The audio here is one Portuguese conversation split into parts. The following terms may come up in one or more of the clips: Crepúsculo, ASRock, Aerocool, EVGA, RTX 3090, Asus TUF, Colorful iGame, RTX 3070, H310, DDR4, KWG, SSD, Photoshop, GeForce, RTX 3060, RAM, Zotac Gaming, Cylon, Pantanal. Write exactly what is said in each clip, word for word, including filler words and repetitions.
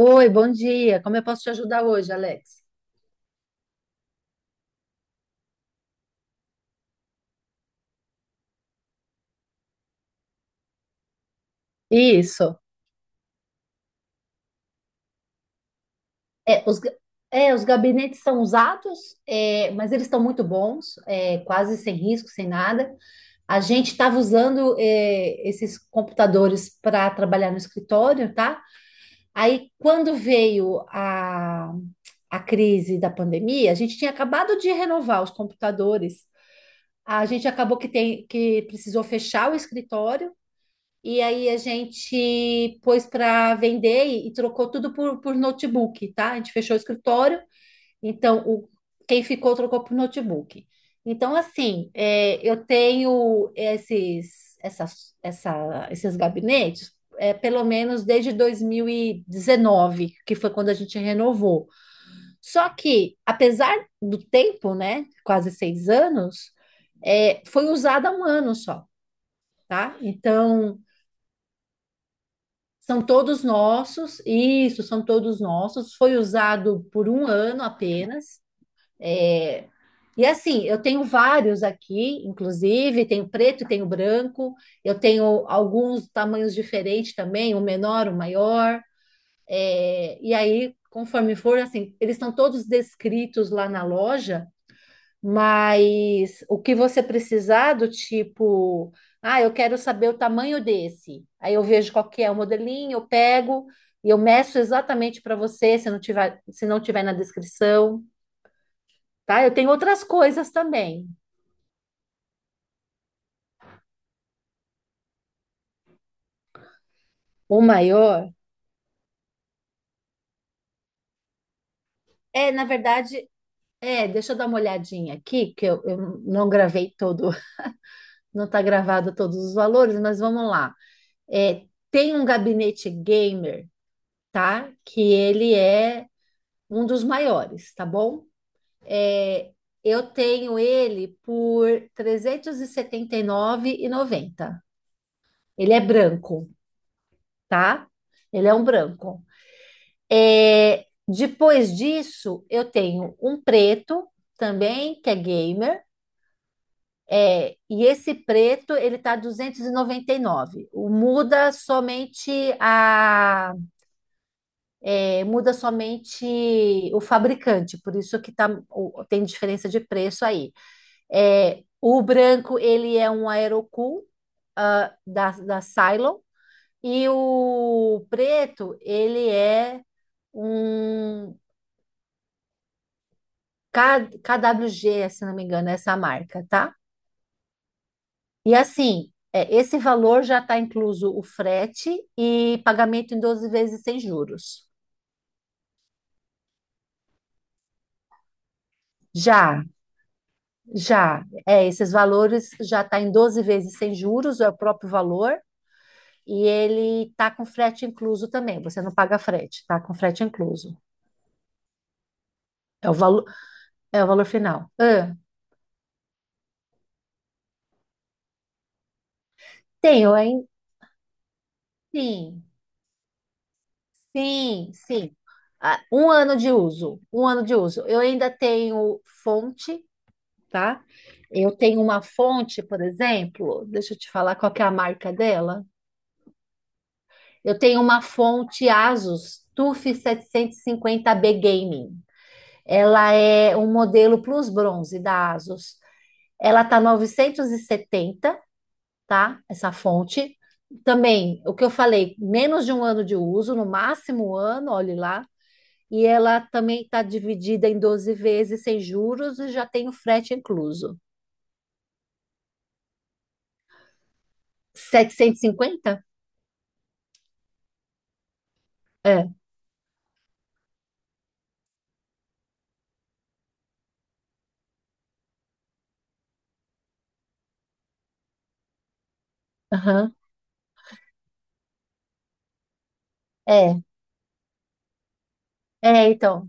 Oi, bom dia. Como eu posso te ajudar hoje, Alex? Isso. É, os, ga- é, os gabinetes são usados, é, mas eles estão muito bons, é, quase sem risco, sem nada. A gente estava usando, é, esses computadores para trabalhar no escritório, tá? Aí, quando veio a, a crise da pandemia, a gente tinha acabado de renovar os computadores. A gente acabou que tem, que precisou fechar o escritório. E aí a gente pôs para vender e, e trocou tudo por, por notebook, tá? A gente fechou o escritório, então o, quem ficou trocou por notebook. Então, assim, é, eu tenho esses, essas, essa, esses gabinetes, é, pelo menos desde dois mil e dezenove, que foi quando a gente renovou. Só que, apesar do tempo, né, quase seis anos, é, foi usada um ano só, tá? Então. São todos nossos, isso, são todos nossos. Foi usado por um ano apenas. É, E assim, eu tenho vários aqui, inclusive, tenho preto e tenho branco, eu tenho alguns tamanhos diferentes também, o menor, o maior. É, E aí, conforme for, assim, eles estão todos descritos lá na loja. Mas o que você precisar do tipo, ah, eu quero saber o tamanho desse. Aí eu vejo qual que é o modelinho, eu pego e eu meço exatamente para você, se não tiver, se não tiver na descrição, tá? Eu tenho outras coisas também. O maior é, na verdade, é, deixa eu dar uma olhadinha aqui, que eu, eu não gravei todo, não está gravado todos os valores, mas vamos lá. É, tem um gabinete gamer, tá? Que ele é um dos maiores, tá bom? É, eu tenho ele por trezentos e e setenta e nove R$ trezentos e setenta e nove e noventa. Ele é branco, tá? Ele é um branco. É, depois disso, eu tenho um preto também, que é gamer. É, e esse preto, ele tá duzentos e e noventa e nove. O muda somente a é, muda somente o fabricante, por isso que tá o- tem diferença de preço aí. É, o branco, ele é um aerocool, ah, da, da Cylon. E o preto, ele é um K, KWG, se não me engano, é essa marca, tá? E assim, é, esse valor já está incluso o frete e pagamento em doze vezes sem juros. Já, já, é, esses valores já está em doze vezes sem juros, é o próprio valor, e ele tá com frete incluso também. Você não paga frete, tá com frete incluso. É o valor, é o valor final. Ah, tenho, hein? Sim, sim, sim. Ah, um ano de uso, um ano de uso. Eu ainda tenho fonte, tá? Eu tenho uma fonte, por exemplo, deixa eu te falar qual que é a marca dela. Eu tenho uma fonte Asus TUF setecentos e cinquenta B Gaming. Ela é um modelo Plus Bronze da Asus. Ela tá novecentos e setenta, tá? Essa fonte. Também, o que eu falei, menos de um ano de uso, no máximo um ano, olhe lá. E ela também está dividida em doze vezes sem juros e já tem o frete incluso. setecentos e cinquenta? É, aham. É, é, então.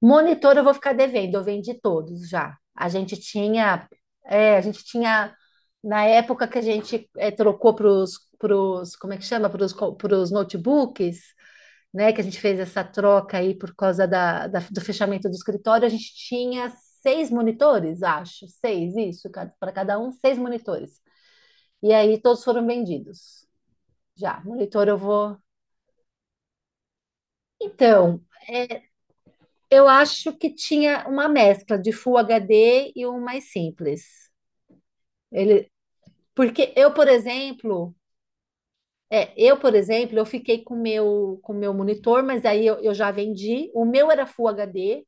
Monitor eu vou ficar devendo, eu vendi todos já. A gente tinha, é, a gente tinha, na época que a gente é, trocou para os, como é que chama? Para os notebooks, né, que a gente fez essa troca aí por causa da, da- do fechamento do escritório, a gente tinha seis monitores, acho, seis, isso, para cada um, seis monitores. E aí todos foram vendidos. Já, monitor eu vou. Então, é, eu acho que tinha uma mescla de Full H D e um mais simples. Ele, porque eu, por exemplo, é, eu, por exemplo, eu fiquei com o meu, com o meu monitor, mas aí eu, eu já vendi. O meu era Full H D.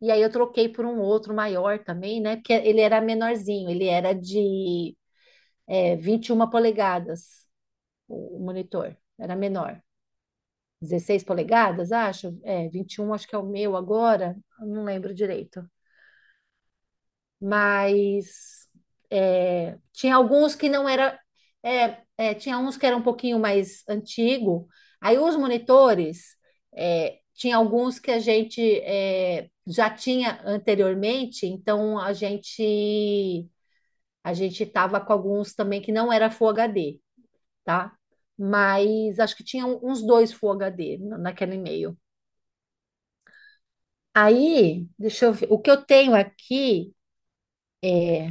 E aí eu troquei por um outro maior também, né? Porque ele era menorzinho, ele era de é, vinte e uma polegadas, o o monitor, era menor. dezesseis polegadas, acho? É, vinte e um acho que é o meu agora, eu não lembro direito. Mas é, tinha alguns que não era, é, é, tinha uns que era um pouquinho mais antigo. Aí os monitores, é, tinha alguns que a gente é, já tinha anteriormente, então a gente a gente estava com alguns também que não era Full H D, tá? Mas acho que tinha uns dois Full H D na- naquele e-mail. Aí, deixa eu ver, o que eu tenho aqui é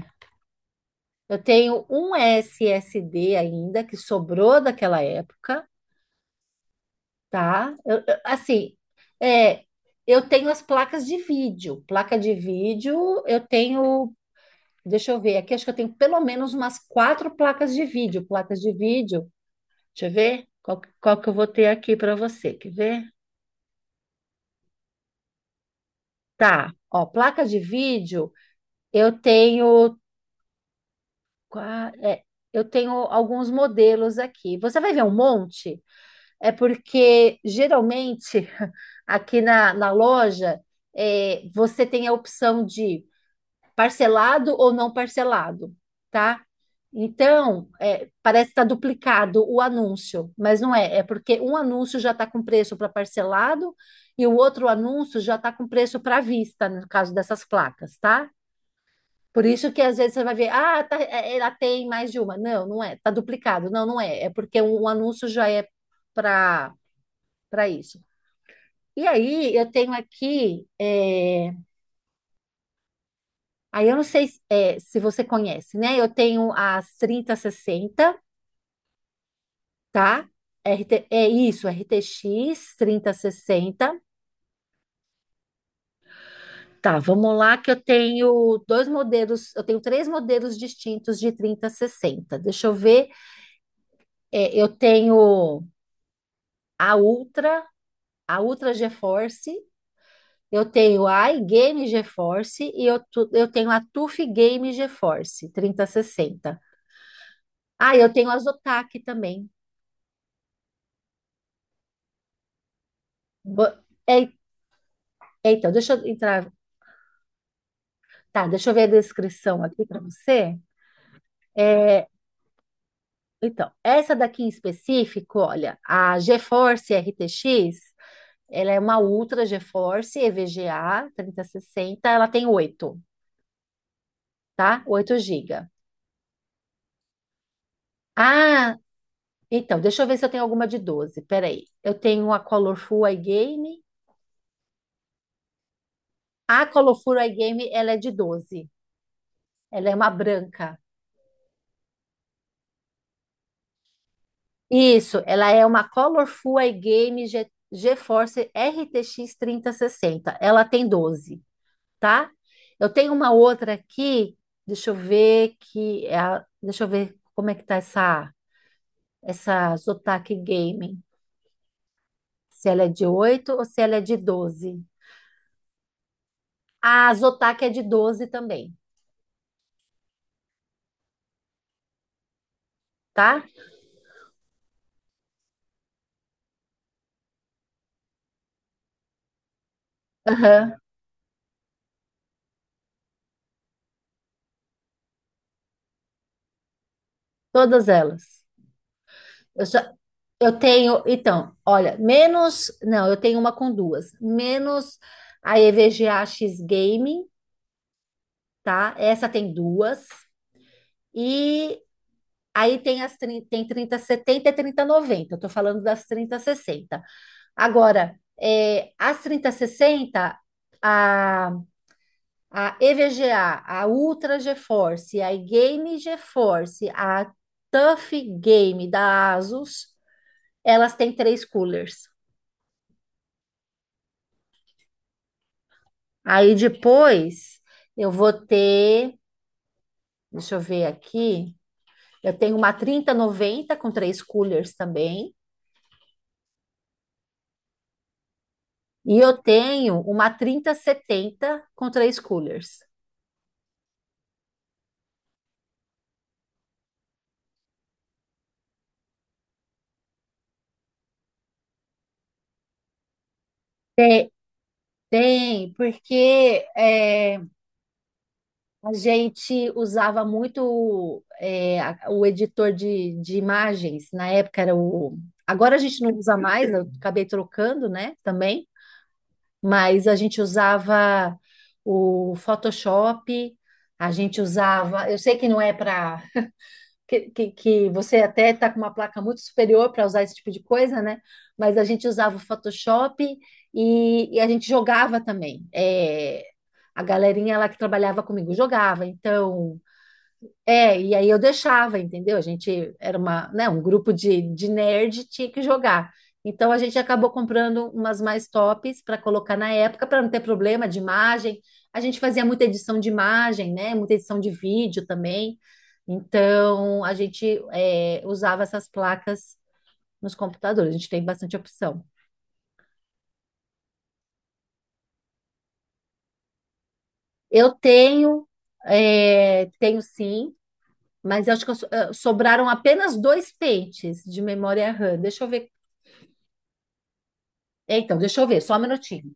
eu tenho um S S D ainda que sobrou daquela época, tá? Eu- eu- assim, é, eu tenho as placas de vídeo. Placa de vídeo, eu tenho, deixa eu ver, aqui acho que eu tenho pelo menos umas quatro placas de vídeo. Placas de vídeo, deixa eu ver qual, que- qual que eu vou ter aqui para você, quer ver? Tá, ó, placa de vídeo, eu tenho, qua- é, eu tenho alguns modelos aqui. Você vai ver um monte? É porque geralmente aqui na, na loja é, você tem a opção de parcelado ou não parcelado, tá? Então, é, parece que está duplicado o anúncio, mas não é. É porque um anúncio já está com preço para parcelado e o outro anúncio já está com preço para vista, no caso dessas placas, tá? Por isso que às vezes você vai ver, ah, tá, é, ela tem mais de uma. Não, não é, tá duplicado. Não, não é. É porque um um anúncio já é para para isso. E aí, eu tenho aqui, é, aí eu não sei se é, se você conhece, né? Eu tenho as trinta sessenta, tá? R T, é isso, R T X sessenta. Tá, vamos lá, que eu tenho dois modelos, eu tenho três modelos distintos de trinta sessenta. Deixa eu ver, é, eu tenho a Ultra, a Ultra GeForce, eu tenho a iGame GeForce e eu, tu- eu tenho a TUF Game GeForce trinta sessenta. Ah, eu tenho as otaku também. Bo- é- é, então, deixa eu entrar. Tá, deixa eu ver a descrição aqui para você. É, então, essa daqui em específico, olha, a GeForce R T X, ela é uma Ultra GeForce E V G A trinta sessenta, ela tem oito, tá? Oito gigas. Ah, então, deixa eu ver se eu tenho alguma de doze. Peraí. Eu tenho a Colorful iGame. A Colorful iGame, ela é de doze. Ela é uma branca. Isso, ela é uma Colorful iGame Ge- GeForce R T X trinta sessenta. Ela tem doze, tá? Eu tenho uma outra aqui, deixa eu ver que é a- deixa eu ver como é que tá essa essa Zotac Gaming. Se ela é de oito ou se ela é de doze? A Zotac é de doze também, tá? Aham, todas elas. Eu só- Eu tenho, então, olha, menos, não, eu tenho uma com duas, menos a E V G A X Gaming, tá? Essa tem duas, e aí tem as trinta, tem trinta, e trinta noventa, eu tô falando das trinta, e sessenta. Agora, é, as trinta e sessenta, a, a E V G A, a a Ultra GeForce, a Game GeForce, a Tough Game da Asus, elas têm três coolers. Aí depois eu vou ter, deixa eu ver aqui, eu tenho uma trinta noventa com três coolers também, e eu tenho uma trinta setenta com três coolers. Tem, porque é, a gente usava muito é, a- o editor de, de imagens, na época era o. Agora a gente não usa mais, eu acabei trocando, né, também, mas a gente usava o Photoshop, a gente usava. Eu sei que não é para. Que, que, que você até está com uma placa muito superior para usar esse tipo de coisa, né? Mas a gente usava o Photoshop e, e a gente jogava também. É, a galerinha lá que trabalhava comigo jogava. Então, é, e aí eu deixava, entendeu? A gente era uma, né, um grupo de, de nerd, tinha que jogar. Então a gente acabou comprando umas mais tops para colocar na época, para não ter problema de imagem. A gente fazia muita edição de imagem, né? Muita edição de vídeo também. Então a gente é, usava essas placas nos computadores. A gente tem bastante opção. Eu tenho, é, tenho sim, mas eu acho que eu so- eh, sobraram apenas dois pentes de memória RAM. Deixa eu ver. É, Então, deixa eu ver, só um minutinho.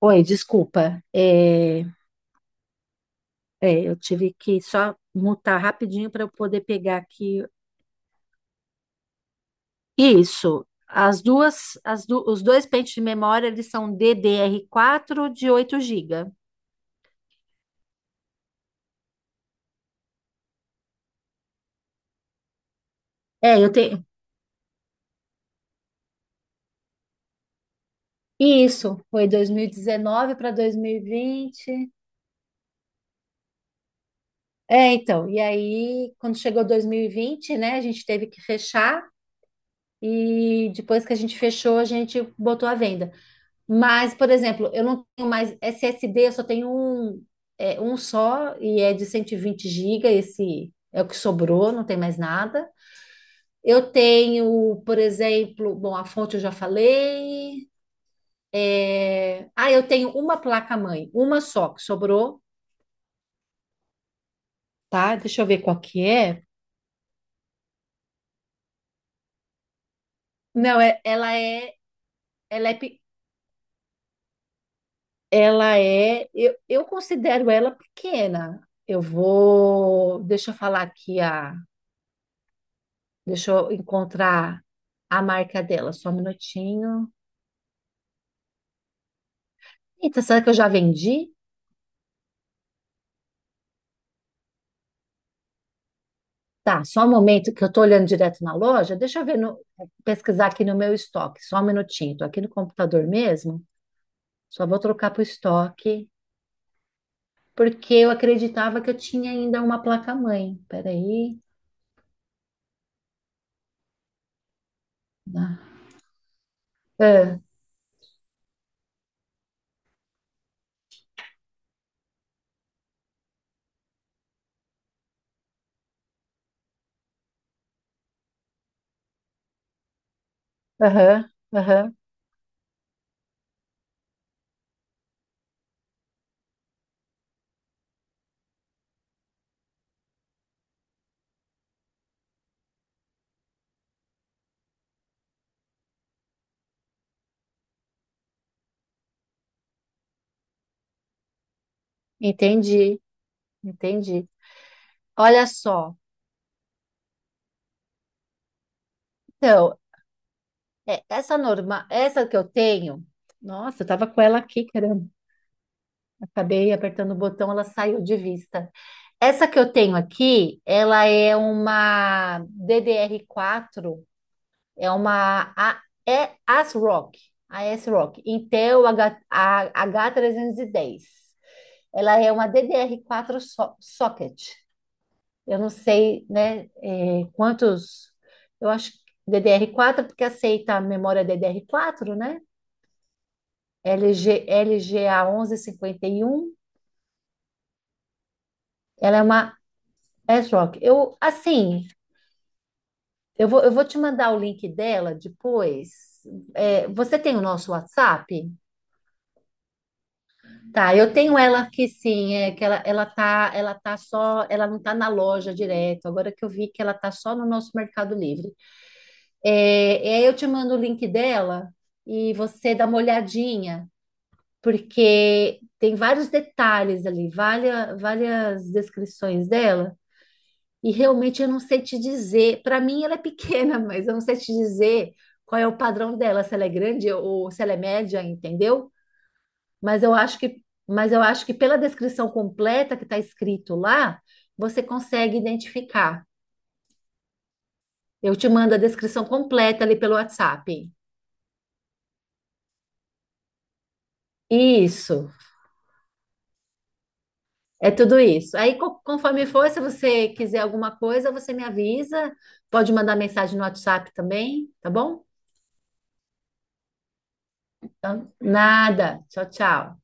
Oi, desculpa. É, é, eu tive que só mutar rapidinho para eu poder pegar aqui. Isso. As duas, as du- Os dois pentes de memória, eles são D D R quatro de oito gigabytes. É, eu tenho. Isso, foi dois mil e dezenove para dois mil e vinte. É, então, e aí, quando chegou dois mil e vinte, né, a gente teve que fechar, e depois que a gente fechou, a gente botou à venda. Mas, por exemplo, eu não tenho mais S S D, eu só tenho um, é, um só e é de cento e vinte gigas, esse é o que sobrou, não tem mais nada. Eu tenho, por exemplo, bom, a fonte eu já falei. é, Ah, eu tenho uma placa-mãe, uma só que sobrou, tá? Deixa eu ver qual que é. Não, é- ela é, ela é, pe- ela é, eu, eu considero ela pequena. Eu vou, deixa eu falar aqui. Deixa eu encontrar a marca dela, só um minutinho. Eita, será que eu já vendi? Tá, só um momento que eu tô olhando direto na loja. Deixa eu ver no, pesquisar aqui no meu estoque, só um minutinho. Tô aqui no computador mesmo, só vou trocar pro estoque, porque eu acreditava que eu tinha ainda uma placa-mãe. Peraí. Ah, ah, aham, aham, entendi, entendi. Olha só, então, é, essa norma, essa que eu tenho, nossa, eu tava com ela aqui, caramba. Acabei apertando o botão, ela saiu de vista. Essa que eu tenho aqui, ela é uma D D R quatro, é uma A- é ASRock, a ASRock, Intel H, A- H trezentos e dez. Ela é uma D D R quatro so- socket. Eu não sei, né, eh, quantos, eu acho que D D R quatro porque aceita a memória D D R quatro, né? L G, e um. Ela é uma. É, Joque, eu, assim, eu vou, eu vou te mandar o link dela depois. É, você tem o nosso WhatsApp? Tá, eu tenho ela aqui sim, é que ela, ela tá, ela tá só, ela não tá na loja direto, agora que eu vi que ela tá só no nosso Mercado Livre. É, e aí eu te mando o link dela e você dá uma olhadinha, porque tem vários detalhes ali, várias, várias descrições dela. E realmente eu não sei te dizer. Para mim ela é pequena, mas eu não sei te dizer qual é o padrão dela, se ela é grande ou se ela é média, entendeu? Mas eu acho que, mas eu acho que pela descrição completa que está escrito lá, você consegue identificar. Eu te mando a descrição completa ali pelo WhatsApp. Isso, é tudo isso. Aí, co- conforme for, se você quiser alguma coisa, você me avisa. Pode mandar mensagem no WhatsApp também, tá bom? Então, nada. Tchau, tchau.